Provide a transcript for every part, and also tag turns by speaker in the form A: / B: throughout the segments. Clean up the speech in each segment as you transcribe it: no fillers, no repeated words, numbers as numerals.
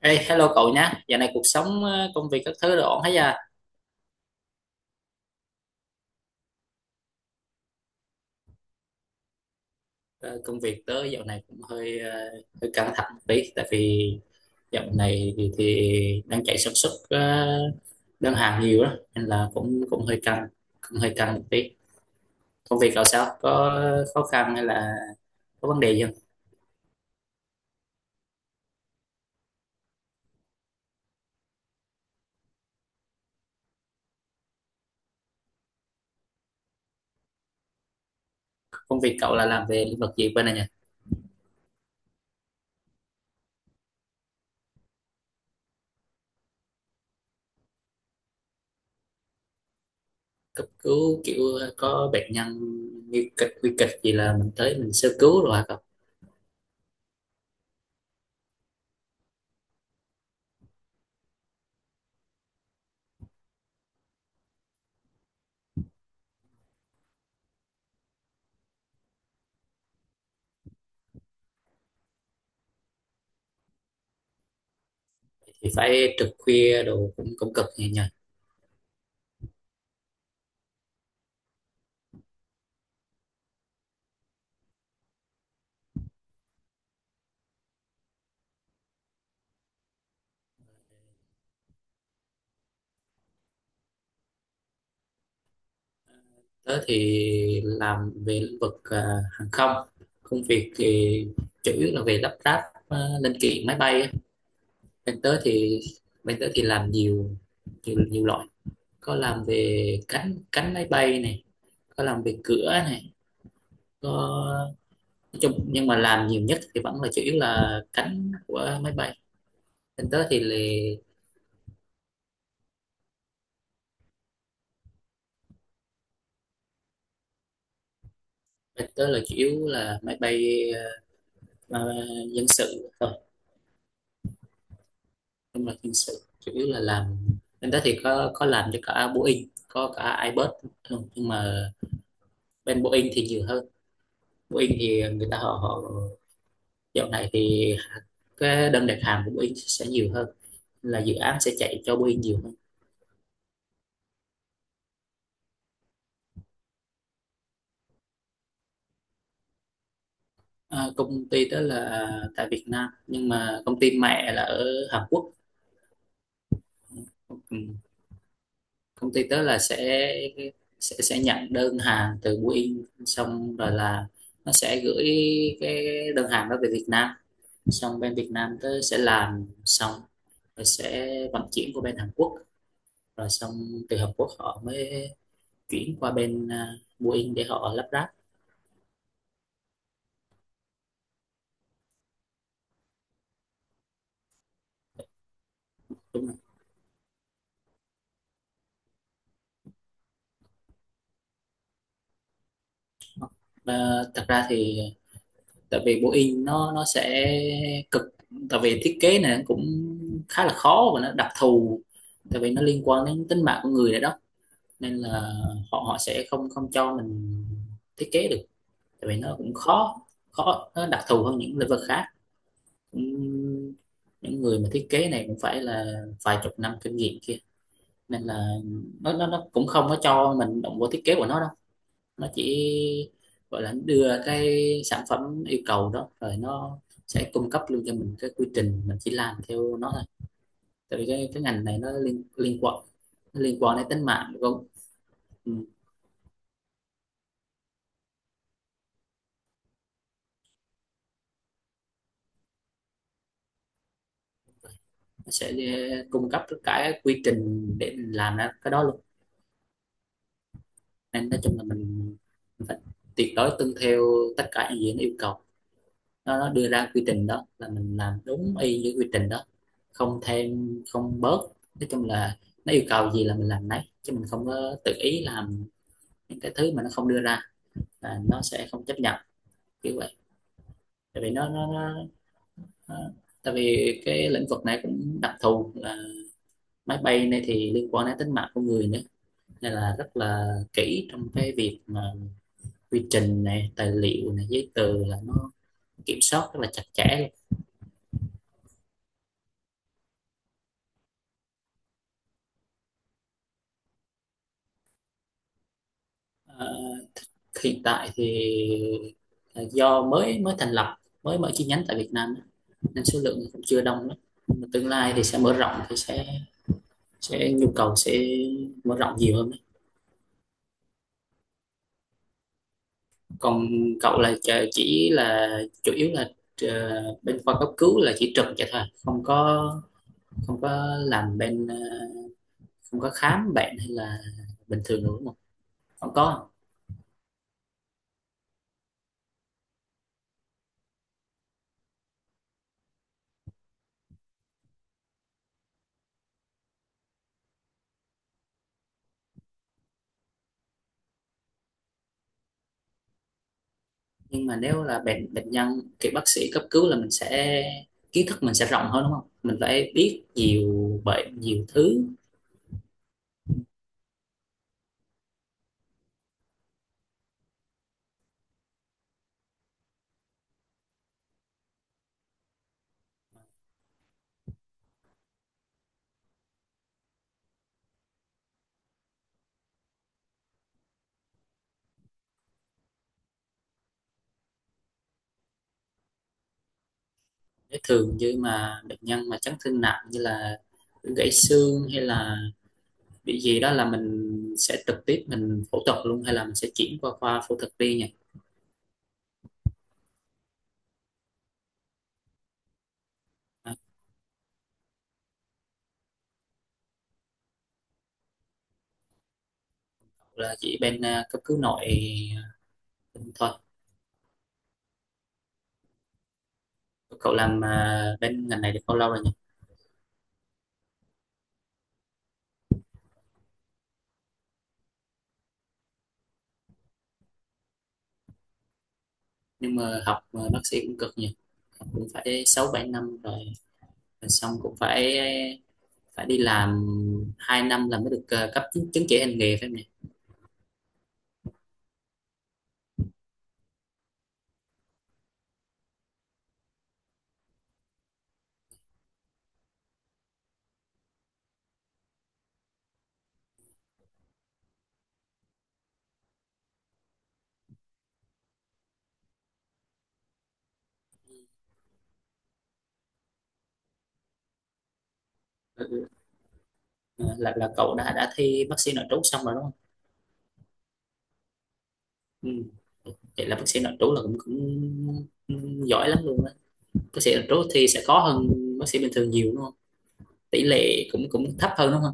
A: Ê, hello cậu nhá, dạo này cuộc sống, công việc các thứ đều ổn hết à? Ờ, Công việc tớ dạo này cũng hơi hơi căng thẳng một tí, tại vì dạo này thì đang chạy sản xuất, đơn hàng nhiều đó, nên là cũng cũng hơi căng một tí. Công việc cậu sao? Có khó khăn hay là có vấn đề gì không? Công việc cậu là làm về lĩnh vực gì bên này nhỉ? Cấp cứu kiểu có bệnh nhân nguy kịch gì là mình tới mình sơ cứu rồi hả cậu? Thì phải trực khuya đồ cũng cũng cực nhỉ? Tớ thì làm về lĩnh vực à, hàng không. Công việc thì chủ yếu là về lắp ráp à, linh kiện máy bay á. Bên tớ thì bên tớ thì làm nhiều, nhiều loại. Có làm về cánh cánh máy bay này, có làm về cửa này, có, nói chung nhưng mà làm nhiều nhất thì vẫn là chủ yếu là cánh của máy bay. Bên tớ thì là bên tớ là chủ yếu là máy bay à, dân sự, nhưng mà hình sự chủ yếu là làm bên đó thì có làm cho cả Boeing, có cả Airbus. Ừ, nhưng mà bên Boeing thì nhiều hơn. Boeing thì người ta họ họ dạo này thì cái đơn đặt hàng của Boeing sẽ nhiều hơn, là dự án sẽ chạy cho Boeing nhiều hơn. À, công ty đó là tại Việt Nam, nhưng mà công ty mẹ là ở Hàn Quốc. Ừ, công ty đó là sẽ nhận đơn hàng từ Boeing, xong rồi là nó sẽ gửi cái đơn hàng đó về Việt Nam, xong bên Việt Nam tớ sẽ làm xong rồi sẽ vận chuyển qua bên Hàn Quốc, rồi xong từ Hàn Quốc họ mới chuyển qua bên Boeing để họ lắp ráp, đúng không? Ờ, thật ra thì tại vì Boeing nó sẽ cực, tại vì thiết kế này cũng khá là khó và nó đặc thù, tại vì nó liên quan đến tính mạng của người nữa đó, nên là họ họ sẽ không không cho mình thiết kế được, tại vì nó cũng khó, khó, nó đặc thù hơn những lĩnh vực khác. Ừm, những người mà thiết kế này cũng phải là vài chục năm kinh nghiệm kia, nên là nó cũng không có cho mình động vô thiết kế của nó đâu, nó chỉ gọi là đưa cái sản phẩm yêu cầu đó rồi nó sẽ cung cấp luôn cho mình cái quy trình, mình chỉ làm theo nó thôi, tại vì cái ngành này nó liên liên quan nó liên quan đến tính mạng, đúng không. Ừ. Cung cấp tất cả cái quy trình để mình làm ra cái đó luôn, nên nói chung là mình phải tuyệt đối tuân theo tất cả những gì nó yêu cầu. Nó đưa ra quy trình đó là mình làm đúng y như quy trình đó, không thêm không bớt, nói chung là nó yêu cầu gì là mình làm nấy, chứ mình không có tự ý làm những cái thứ mà nó không đưa ra, là nó sẽ không chấp nhận, kiểu vậy. Tại vì nó tại vì cái lĩnh vực này cũng đặc thù, là máy bay này thì liên quan đến tính mạng của người nữa, nên là rất là kỹ trong cái việc mà quy trình này, tài liệu này, giấy tờ là nó kiểm soát rất là chặt chẽ. Ờ, hiện tại thì ờ, do mới mới thành lập, mới mở chi nhánh tại Việt Nam á, nên số lượng cũng chưa đông lắm, nhưng mà tương lai thì sẽ mở rộng, thì sẽ nhu cầu sẽ mở rộng nhiều hơn đấy. Còn cậu là chỉ là chủ yếu là bên khoa cấp cứu là chỉ trực vậy thôi, không có, không có làm bên không có khám bệnh hay là bình thường nữa đúng không, không có. Nhưng mà nếu là bệnh bệnh nhân thì bác sĩ cấp cứu là mình sẽ, kiến thức mình sẽ rộng hơn đúng không, mình phải biết nhiều bệnh nhiều thứ. Nếu thường như mà bệnh nhân mà chấn thương nặng, như là gãy xương hay là bị gì đó, là mình sẽ trực tiếp mình phẫu thuật luôn, hay là mình sẽ chuyển qua khoa phẫu thuật đi nhỉ. À, là chỉ bên à, cấp cứu nội thôi. Cậu làm à, bên ngành này được bao lâu rồi nhỉ? Nhưng mà học à, bác sĩ cũng cực nhỉ, cũng phải sáu bảy năm rồi. Rồi xong cũng phải, phải đi làm 2 năm là mới được ờ, cấp chứng, chứng chỉ hành nghề phải không nhỉ? Ừ, ừ. Ờ, là cậu đã thi bác sĩ nội trú xong rồi đúng không? Ừ. Vậy là bác sĩ nội trú là cũng cũng giỏi lắm luôn á, bác sĩ nội trú thì sẽ khó hơn bác sĩ bình thường nhiều đúng không, tỷ lệ cũng cũng thấp hơn đúng không.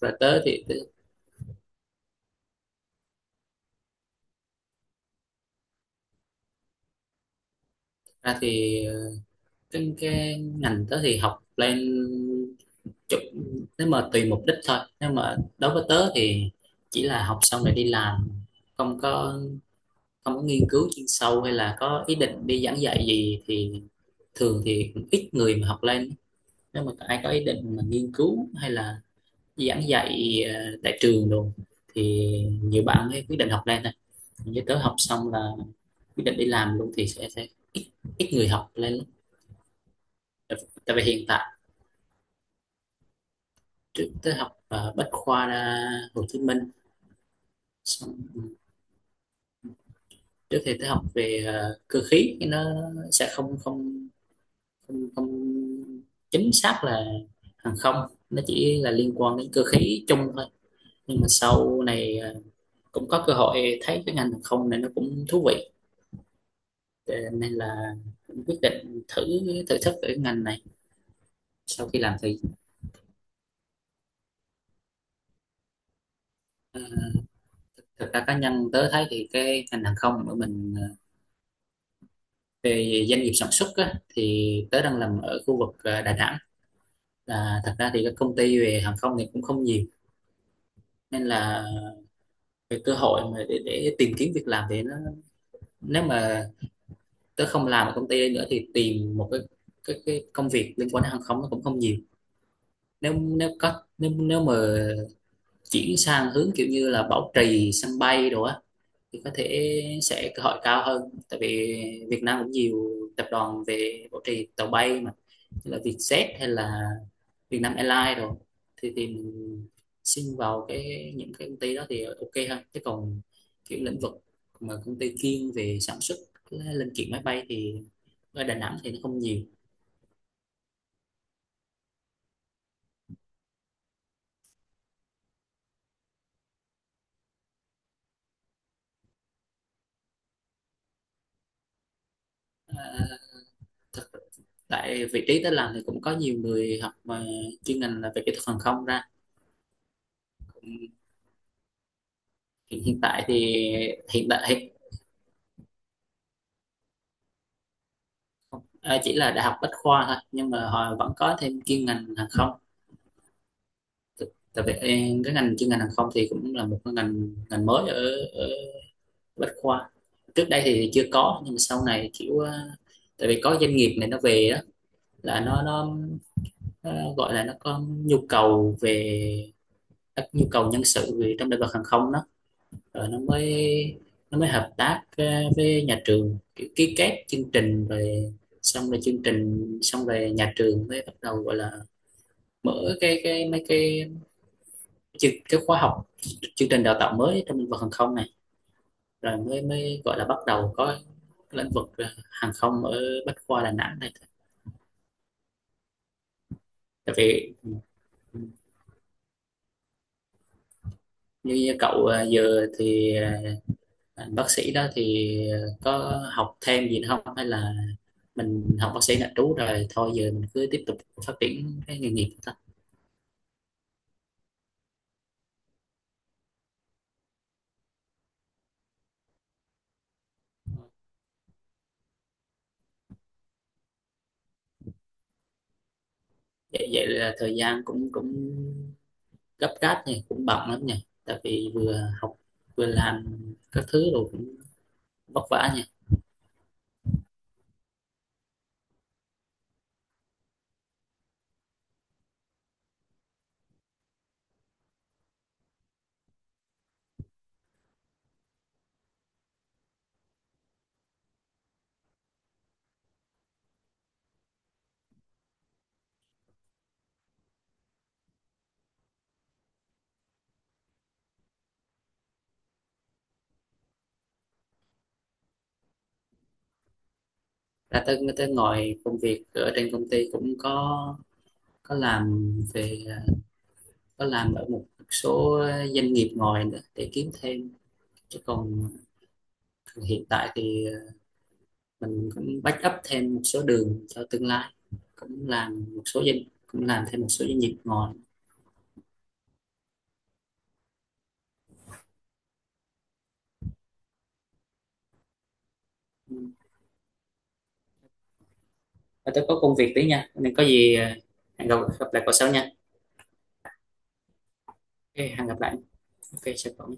A: Rồi tới thì tới- ra thì ờ, cái ngành tớ thì học lên chụp, nếu mà tùy mục đích thôi, nếu mà đối với tớ thì chỉ là học xong rồi đi làm, không có, không có nghiên cứu chuyên sâu hay là có ý định đi giảng dạy gì, thì thường thì cũng ít người mà học lên. Nếu mà ai có ý định mà nghiên cứu hay là giảng dạy tại trường đồ thì nhiều bạn mới quyết định học lên này. Như tớ học xong là quyết định đi làm luôn thì sẽ ít, ít người học lên lắm. Tại Tại vì hiện tại, trước tớ học Bách khoa ra, Hồ Chí Minh. Xong trước thì tớ học về cơ khí, nó sẽ không không không chính xác là hàng không, nó chỉ là liên quan đến cơ khí chung thôi, nhưng mà sau này à, cũng có cơ hội thấy cái ngành hàng không này nó cũng thú vị. Ờ, nên là quyết định thử, thử sức ở ngành này. Sau khi làm thì ờ, thực ra cá nhân tớ thấy thì cái ngành hàng không của mình, về doanh nghiệp sản xuất á, thì tớ đang làm ở khu vực Đà Nẵng, là thật ra thì các công ty về hàng không thì cũng không nhiều, nên là về cơ hội mà để tìm kiếm việc làm thì nó, nếu mà tớ không làm ở công ty đây nữa thì tìm một cái, cái công việc liên quan đến hàng không nó cũng không nhiều. Nếu nếu có nếu nếu mà chuyển sang hướng kiểu như là bảo trì sân bay đồ á thì có thể sẽ cơ hội cao hơn, tại vì Việt Nam cũng nhiều tập đoàn về bảo trì tàu bay mà, như là Vietjet hay là Việt Nam Airlines rồi, thì mình xin vào cái những cái công ty đó thì ok hơn, chứ còn kiểu lĩnh vực mà công ty chuyên về sản xuất cái linh kiện máy bay thì ở Đà Nẵng thì nó không nhiều. À, thực tại vị trí tớ làm thì cũng có nhiều người học mà chuyên ngành là về kỹ thuật hàng không ra, cũng hiện hiện tại thì hiện tại à, chỉ là đại học Bách khoa thôi, nhưng mà họ vẫn có thêm chuyên ngành hàng không. T- cái ngành chuyên ngành hàng không thì cũng là một cái ngành ngành mới ở Bách khoa, trước đây thì chưa có, nhưng mà sau này kiểu tại vì có doanh nghiệp này nó về đó, là nó gọi là nó có nhu cầu về các nhu cầu nhân sự về trong lĩnh vực hàng không đó, rồi nó mới hợp tác với nhà trường, kiểu ký kết chương trình, rồi xong rồi chương trình xong rồi nhà trường mới bắt đầu gọi là mở cái mấy cái chương cái khóa học, chương trình đào tạo mới trong lĩnh vực hàng không này, rồi mới mới gọi là bắt đầu có lĩnh vực hàng không ở Bách Khoa Đà Nẵng này. Tại vì như cậu à, giờ thì à, bác sĩ đó thì có học thêm gì nữa không, hay là mình học bác sĩ nội trú rồi thôi, giờ mình cứ tiếp tục phát triển cái nghề nghiệp thôi. Vậy, vậy là thời gian cũng cũng gấp gáp này, cũng bận lắm nha, tại vì vừa học vừa làm các thứ, rồi cũng vất vả nha. Ra tới tới ngồi Công việc ở trên công ty cũng có làm về, có làm ở một số doanh nghiệp ngoài nữa để kiếm thêm, chứ còn hiện tại thì mình cũng back up thêm một số đường cho tương lai, cũng làm một số doanh, cũng làm thêm một số doanh nghiệp ngoài. Và tôi có công việc tí nha, nên có gì hẹn gặp gặp lại cậu sau nha. Ok hẹn gặp lại, ok chào cậu.